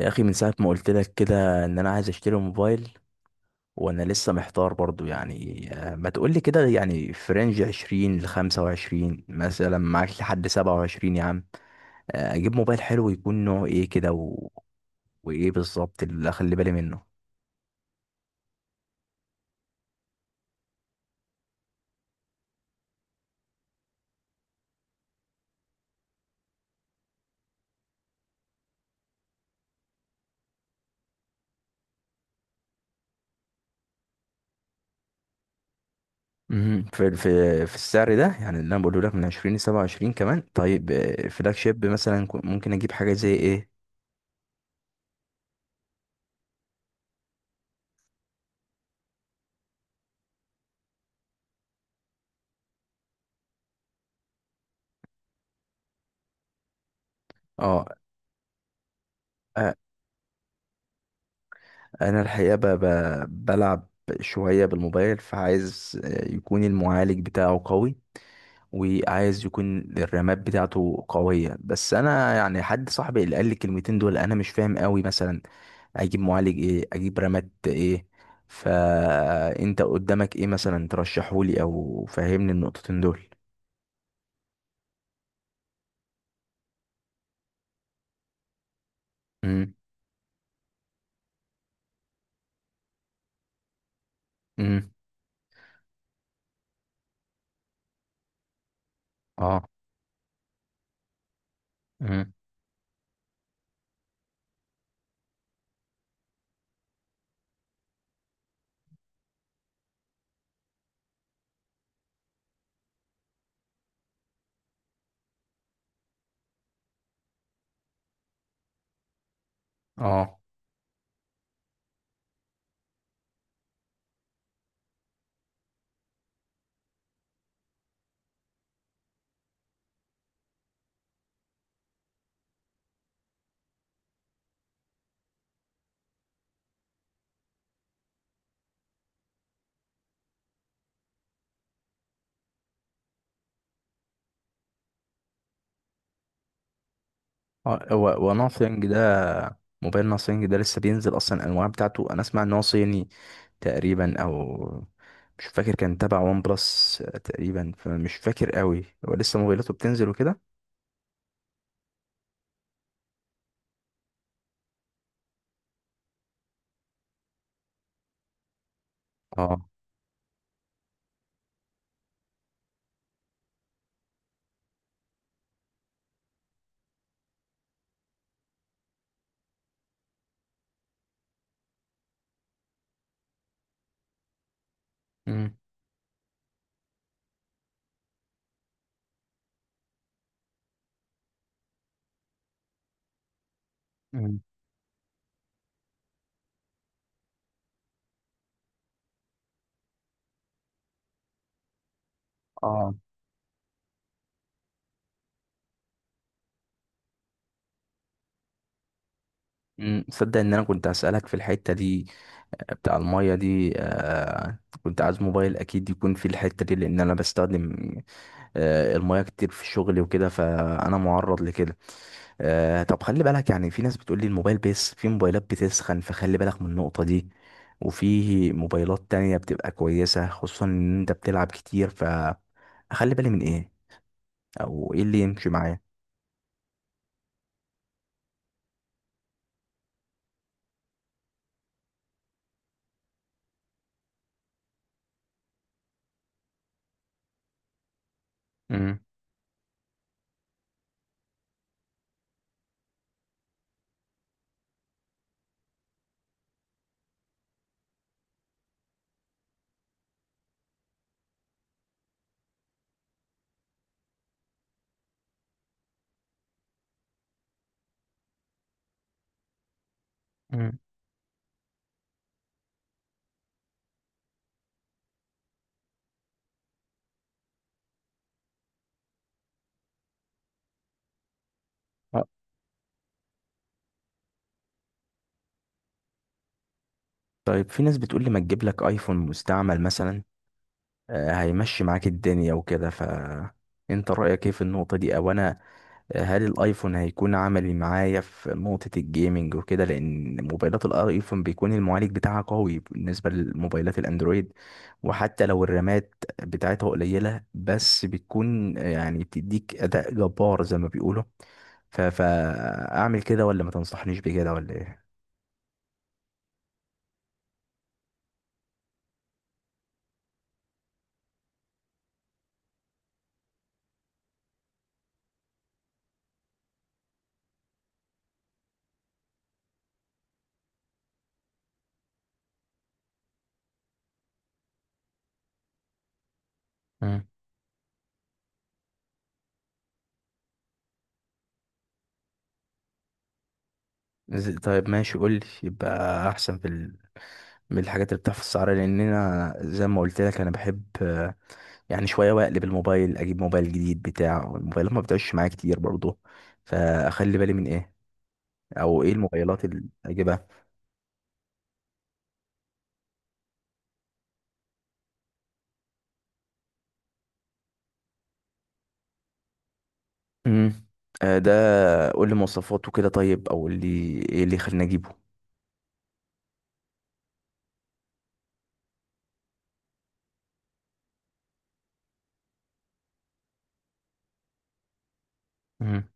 يا اخي، من ساعه ما قلت لك كده ان انا عايز اشتري موبايل، وانا لسه محتار برضو يعني، ما تقول لي كده يعني في رينج 20 ل 25 مثلا معاك لحد 27 يا عم. اجيب موبايل حلو يكون نوعه ايه كده وايه بالظبط اللي اخلي بالي منه؟ مهم. في السعر ده يعني اللي انا بقوله لك من 20 ل 27 كمان. طيب، فلاج شيب مثلا، ممكن اجيب حاجه زي ايه؟ اه، انا الحقيقه بلعب شويه بالموبايل، فعايز يكون المعالج بتاعه قوي، وعايز يكون الرامات بتاعته قويه. بس انا يعني حد صاحبي اللي قال لي الكلمتين دول، انا مش فاهم قوي. مثلا اجيب معالج ايه، اجيب رامات ايه؟ فانت قدامك ايه مثلا ترشحهولي، او فهمني النقطتين دول؟ امم. امم. اه. امم. اه. وناثينج ده موبايل ناثينج ده لسه بينزل اصلا؟ الانواع بتاعته، انا اسمع ان هو صيني تقريبا، او مش فاكر، كان تبع وان بلس تقريبا، فمش فاكر قوي. هو لسه موبايلاته بتنزل وكده. اه. امم. مم. اه. تصدق ان انا كنت هسألك في الحتة دي، بتاع المية دي. كنت عايز موبايل اكيد يكون في الحتة دي، لان انا بستخدم المياه كتير في الشغل وكده، فانا معرض لكده. طب خلي بالك، يعني في ناس بتقول لي الموبايل، بس في موبايلات بتسخن، فخلي بالك من النقطة دي. وفي موبايلات تانية بتبقى كويسة، خصوصا ان انت بتلعب كتير، فاخلي بالي من ايه او ايه اللي يمشي معايا؟ امم. امم. طيب، في ناس بتقول لي ما تجيب لك ايفون مستعمل مثلا، هيمشي معاك الدنيا وكده، فانت رأيك ايه في النقطة دي؟ او انا، هل الايفون هيكون عملي معايا في نقطة الجيمنج وكده؟ لان موبايلات الايفون بيكون المعالج بتاعها قوي بالنسبة لموبايلات الاندرويد، وحتى لو الرامات بتاعتها قليلة بس بتكون يعني بتديك اداء جبار زي ما بيقولوا. فاعمل كده ولا ما تنصحنيش بكده ولا ايه؟ مم. طيب ماشي، قول لي يبقى احسن من الحاجات اللي بتحفظ السعر، لان انا زي ما قلت لك انا بحب يعني شوية واقلب الموبايل، اجيب موبايل جديد. بتاع الموبايلات ما بتعيش معايا كتير برضه، فاخلي بالي من ايه او ايه الموبايلات اللي اجيبها؟ امم. ده قول لي مواصفاته كده طيب، او قول لي ايه اللي يخليني اجيبه؟ امم.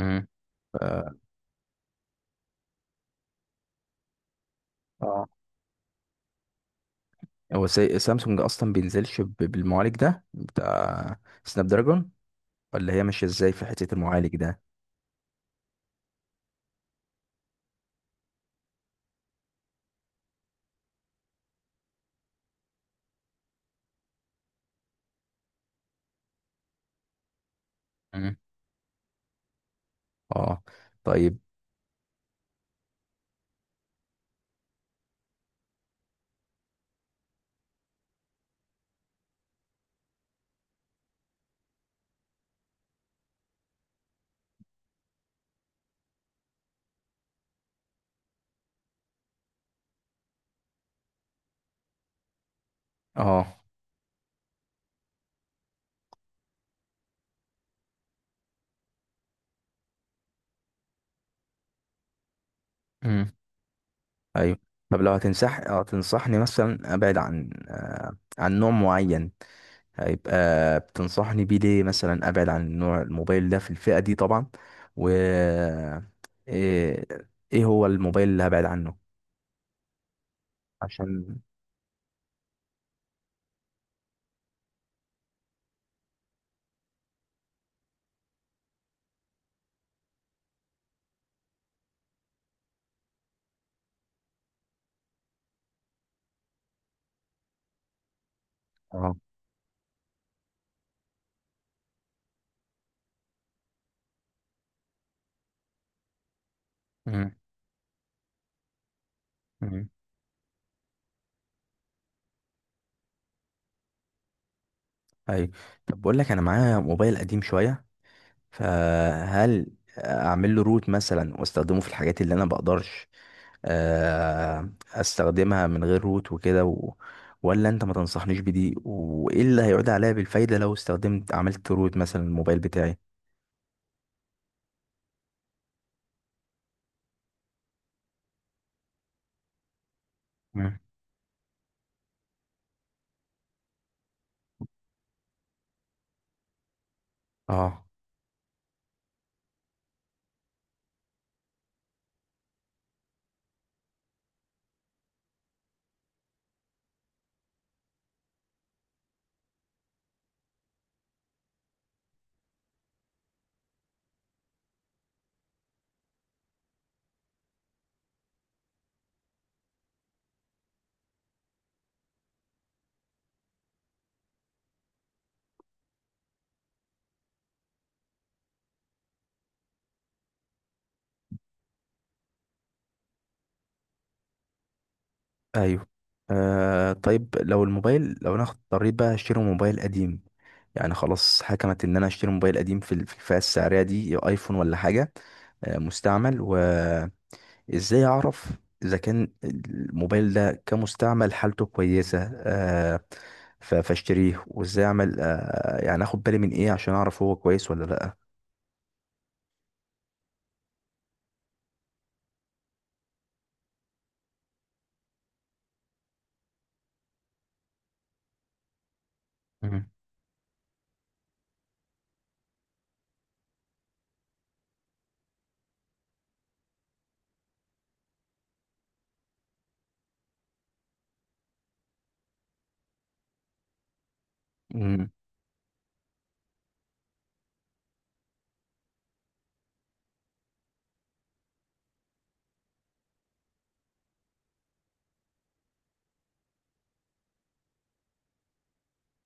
امم. اه. هو سامسونج اصلا بينزلش بالمعالج ده بتاع سناب دراجون، ولا هي ماشيه ازاي في حته المعالج ده؟ مم. اه. طيب. اه. ايوه. طب لو هتنصح تنصحني مثلا ابعد عن نوع معين، هيبقى بتنصحني بيه ليه؟ مثلا ابعد عن نوع الموبايل ده في الفئة دي طبعا، و ايه إيه هو الموبايل اللي هبعد عنه؟ عشان. اه. مم. مم. ايوه. طب بقول لك انا معايا موبايل قديم شوية، فهل اعمل له روت مثلا واستخدمه في الحاجات اللي انا بقدرش استخدمها من غير روت وكده، ولا انت ما تنصحنيش بدي؟ وايه اللي هيعود عليا بالفايدة لو استخدمت عملت روت مثلا الموبايل بتاعي؟ مم. اه. ايوه. طيب، لو انا اضطريت بقى اشتري موبايل قديم، يعني خلاص حكمت ان انا اشتري موبايل قديم في الفئة السعرية دي، ايفون ولا حاجة، مستعمل. ازاي اعرف اذا كان الموبايل ده كمستعمل حالته كويسة؟ آه فاشتريه، وازاي اعمل يعني اخد بالي من ايه عشان اعرف هو كويس ولا لا؟ مم. مم.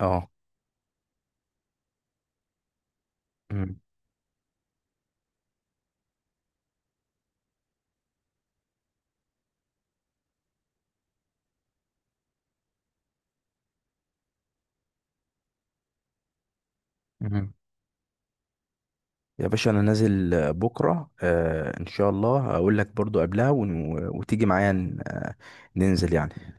اه. مم. مم. يا باشا، انا نازل بكرة ان شاء الله، اقول لك برضو قبلها وتيجي معايا ننزل يعني.